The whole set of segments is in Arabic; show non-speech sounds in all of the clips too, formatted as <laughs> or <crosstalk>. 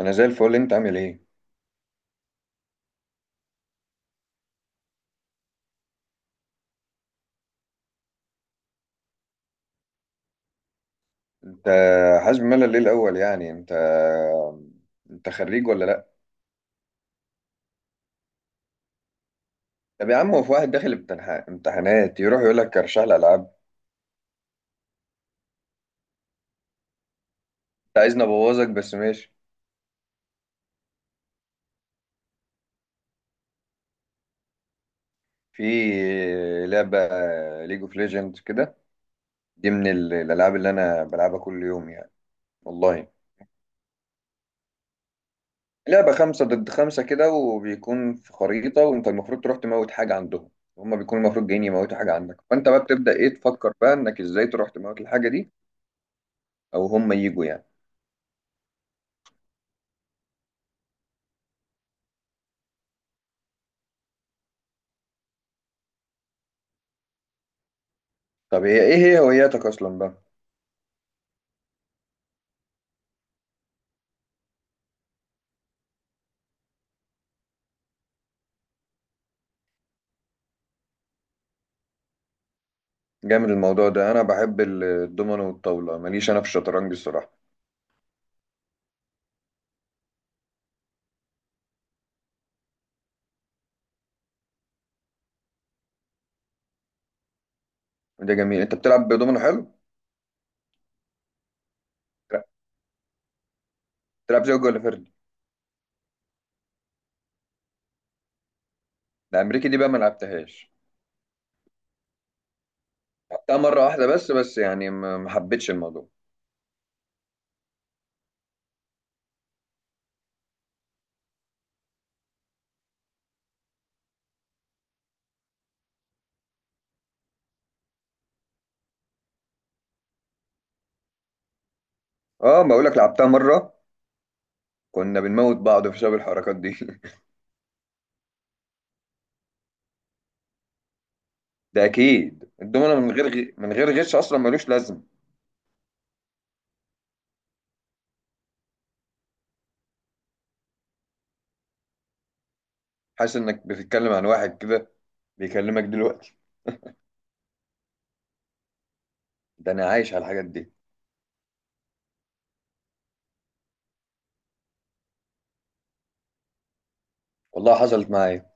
انا زي الفل. انت عامل ايه؟ انت حاسس بملل ليه الاول يعني انت خريج ولا لا؟ طب يا عم هو في واحد داخل امتحانات يروح يقول لك ارشح لي العاب؟ انت عايزني ابوظك؟ بس ماشي. في لعبه ليج اوف ليجندز كده، دي من الالعاب اللي انا بلعبها كل يوم يعني. والله لعبه خمسة ضد خمسة كده، وبيكون في خريطه، وانت المفروض تروح تموت حاجه عندهم. هما بيكونوا المفروض جايين يموتوا حاجه عندك، فانت بقى بتبدا ايه، تفكر بقى انك ازاي تروح تموت الحاجه دي، او هما يجوا يعني. طب ايه هي هواياتك اصلا بقى؟ جامد الموضوع ده. انا بحب الدومينو والطاوله، ماليش انا في الشطرنج الصراحه. ده جميل، انت بتلعب دومينو؟ حلو. لا، بتلعب زوجي ولا فردي؟ الامريكي دي بقى ما لعبتهاش. لعبتها مره واحده بس يعني ما حبيتش الموضوع. اه بقول لك، لعبتها مره. كنا بنموت بعض بسبب الحركات دي <laughs> ده اكيد الدومينو من غير من غير غش اصلا ملوش لازم. حاسس انك بتتكلم عن واحد كده بيكلمك دلوقتي؟ ده انا عايش على الحاجات دي. والله حصلت معايا.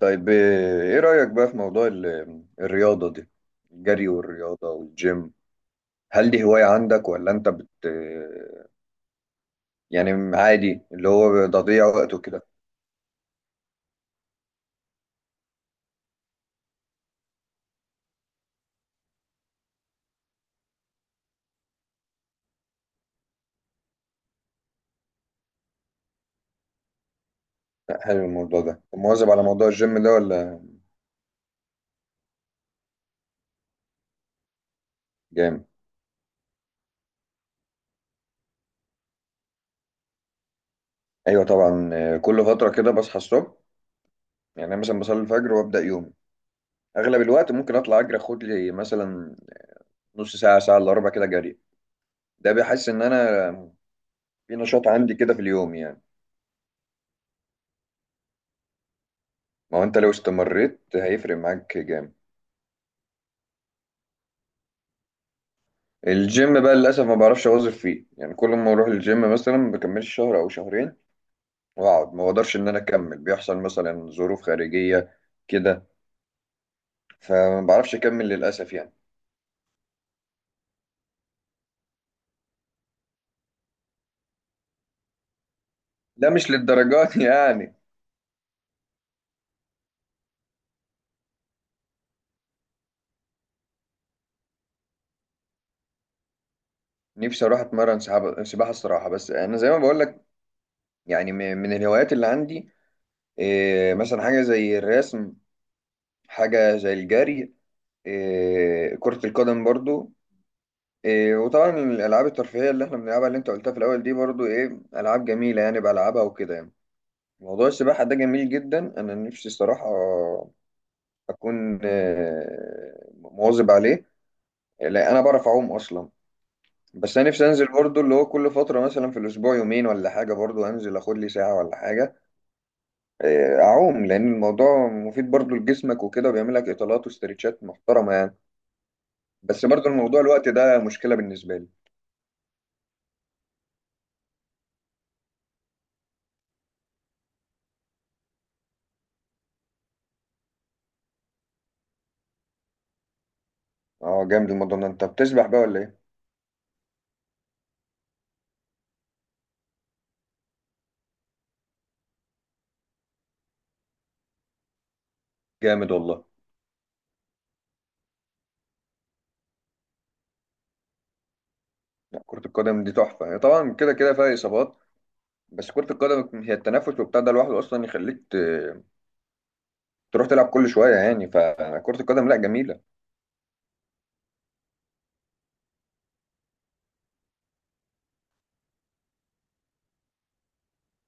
طيب، ايه رأيك بقى في موضوع الرياضة دي، الجري والرياضة والجيم؟ هل دي هواية عندك ولا انت بت آه، يعني عادي اللي هو تضييع وقت وكده؟ لا حلو الموضوع ده. مواظب على موضوع الجيم ده ولا؟ جامد. ايوه طبعا، كل فترة كده بصحى الصبح. يعني انا مثلا بصلي الفجر وابدأ يومي، اغلب الوقت ممكن اطلع اجري، اخد لي مثلا نص ساعة، ساعة الا ربع كده جري. ده بيحس ان انا في نشاط عندي كده في اليوم يعني. ما هو انت لو استمريت هيفرق معاك جامد. الجيم بقى للاسف ما بعرفش اواظب فيه يعني، كل ما اروح الجيم مثلا ما بكملش شهر او شهرين واقعد، ما بقدرش ان انا اكمل، بيحصل مثلا ظروف خارجيه كده، فما بعرفش اكمل للاسف يعني. ده مش للدرجات <laughs> يعني. نفسي اروح اتمرن سباحه الصراحه، بس انا زي ما بقول لك، يعني من الهوايات اللي عندي، مثلا حاجه زي الرسم، حاجه زي الجري، كره القدم برضو، وطبعا الالعاب الترفيهيه اللي احنا بنلعبها اللي انت قلتها في الاول دي برضو العاب جميله يعني بلعبها وكده يعني. موضوع السباحه ده جميل جدا، انا نفسي الصراحه اكون مواظب عليه. لا انا بعرف اعوم اصلا. بس انا نفسي انزل برضو اللي هو كل فتره مثلا في الاسبوع يومين ولا حاجه، برضو انزل اخد لي ساعه ولا حاجه، اعوم لان الموضوع مفيد برضو لجسمك وكده، وبيعمل لك اطالات واسترتشات محترمه يعني. بس برضو الموضوع الوقت ده مشكله بالنسبه لي. اه جامد الموضوع ده، انت بتسبح بقى ولا ايه؟ جامد والله. لا كرة القدم دي تحفة، هي طبعا كده كده فيها إصابات، بس كرة القدم هي التنفس وبتاع، ده لوحده أصلا يخليك تروح تلعب كل شوية يعني، فكرة القدم لا جميلة.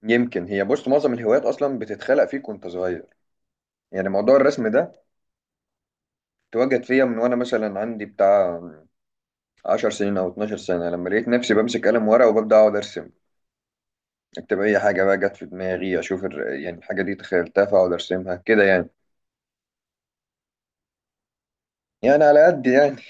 يمكن هي بص معظم الهوايات أصلا بتتخلق فيك وأنت صغير، يعني موضوع الرسم ده اتوجد فيا من وأنا مثلا عندي بتاع 10 سنين أو 12 سنة لما لقيت نفسي بمسك قلم ورقة وببدأ أقعد أرسم، أكتب أي حاجة بقى جت في دماغي، أشوف يعني الحاجة دي تخيلتها فأقعد أرسمها كده يعني، يعني على قد يعني.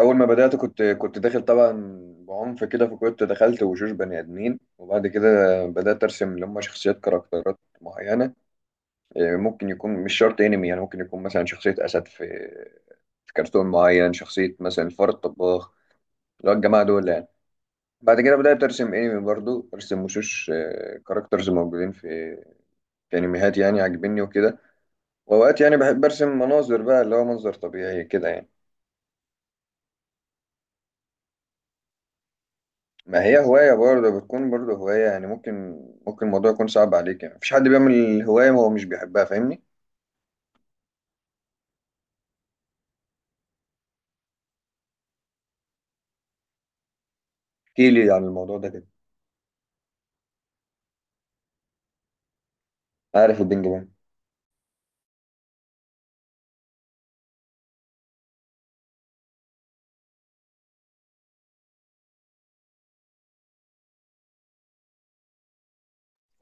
اول ما بدات كنت داخل طبعا بعنف كده، فكنت دخلت وشوش بني ادمين، وبعد كده بدات ارسم اللي هم شخصيات، كاركترات معينه، ممكن يكون مش شرط انمي يعني، ممكن يكون مثلا شخصيه اسد في كرتون معين، شخصيه مثلا الفار الطباخ اللي هو الجماعه دول يعني. بعد كده بدات ارسم انمي برضو، ارسم وشوش كاركترز موجودين في انميات يعني عاجبني وكده. واوقات يعني بحب ارسم مناظر بقى اللي هو منظر طبيعي كده يعني. ما هي هواية برضه بتكون برضه هواية يعني، ممكن الموضوع يكون صعب عليك يعني، مفيش حد بيعمل هواية هو مش بيحبها، فاهمني؟ احكي لي عن الموضوع ده كده. عارف البينج بونج.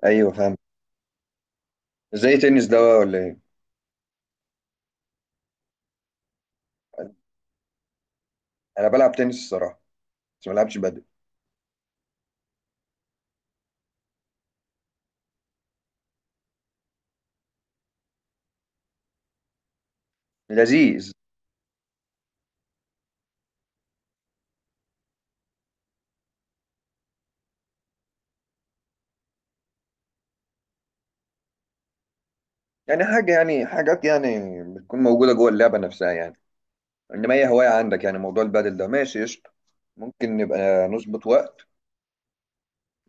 ايوه فاهم. زي تنس ده ولا ايه؟ انا بلعب تنس الصراحة، بس ما بلعبش بدل. لذيذ. يعني حاجة، يعني حاجات يعني بتكون موجودة جوه اللعبة نفسها يعني، انما هي هواية عندك. يعني موضوع البدل ده ماشي قشطة، ممكن نبقى نظبط وقت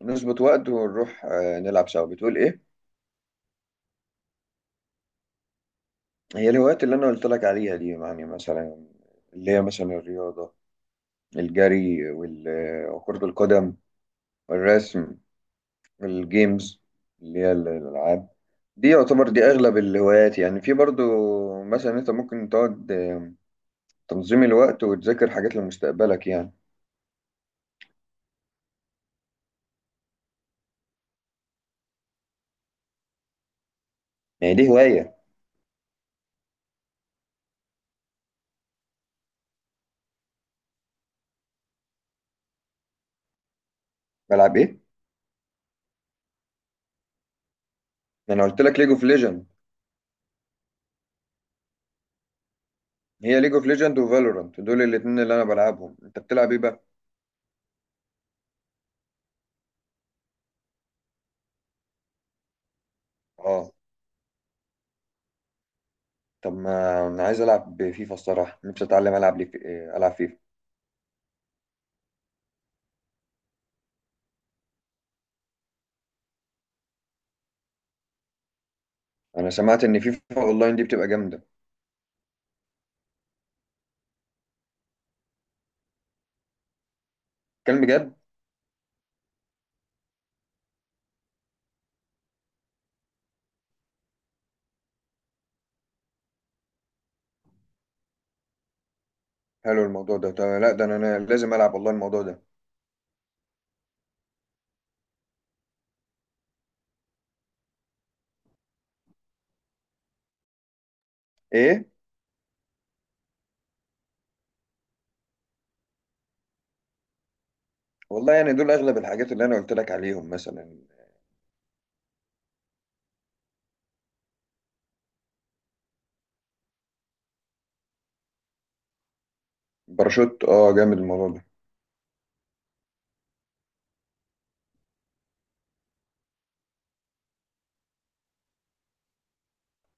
نظبط وقت ونروح نلعب سوا. بتقول ايه؟ هي الهوايات اللي انا قلت لك عليها دي يعني مثلا، اللي هي مثلا الرياضه، الجري وكره القدم، والرسم، والجيمز اللي هي الالعاب دي، يعتبر دي اغلب الهوايات يعني. في برضو مثلا انت ممكن تقعد، تنظيم الوقت وتذاكر حاجات لمستقبلك يعني، يعني دي هوايه. بلعب ايه؟ انا قلت لك ليج اوف ليجند. هي ليج اوف ليجند وفالورانت دول الاتنين اللي انا بلعبهم، انت بتلعب ايه بقى؟ اه. طب ما انا عايز العب فيفا الصراحه، نفسي اتعلم العب لي، العب فيفا. انا سمعت ان فيفا اونلاين دي بتبقى جامده. كلام بجد؟ حلو الموضوع ده. طب لا ده انا لازم العب والله الموضوع ده. ايه. والله يعني دول اغلب الحاجات اللي انا قلت لك عليهم مثلا. باراشوت، اه جامد الموضوع ده.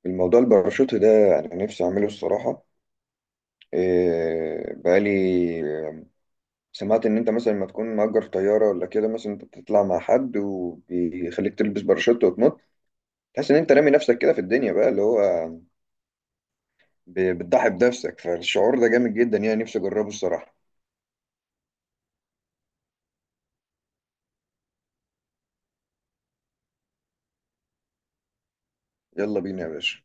الموضوع الباراشوت ده انا نفسي اعمله الصراحه، بقالي سمعت ان انت مثلا ما تكون مأجر طياره ولا كده، مثلا انت بتطلع مع حد وبيخليك تلبس باراشوت وتنط، تحس ان انت رامي نفسك كده في الدنيا بقى، اللي هو بتضحي بنفسك، فالشعور ده جامد جدا يعني، نفسي اجربه الصراحه. يلا بينا يا باشا.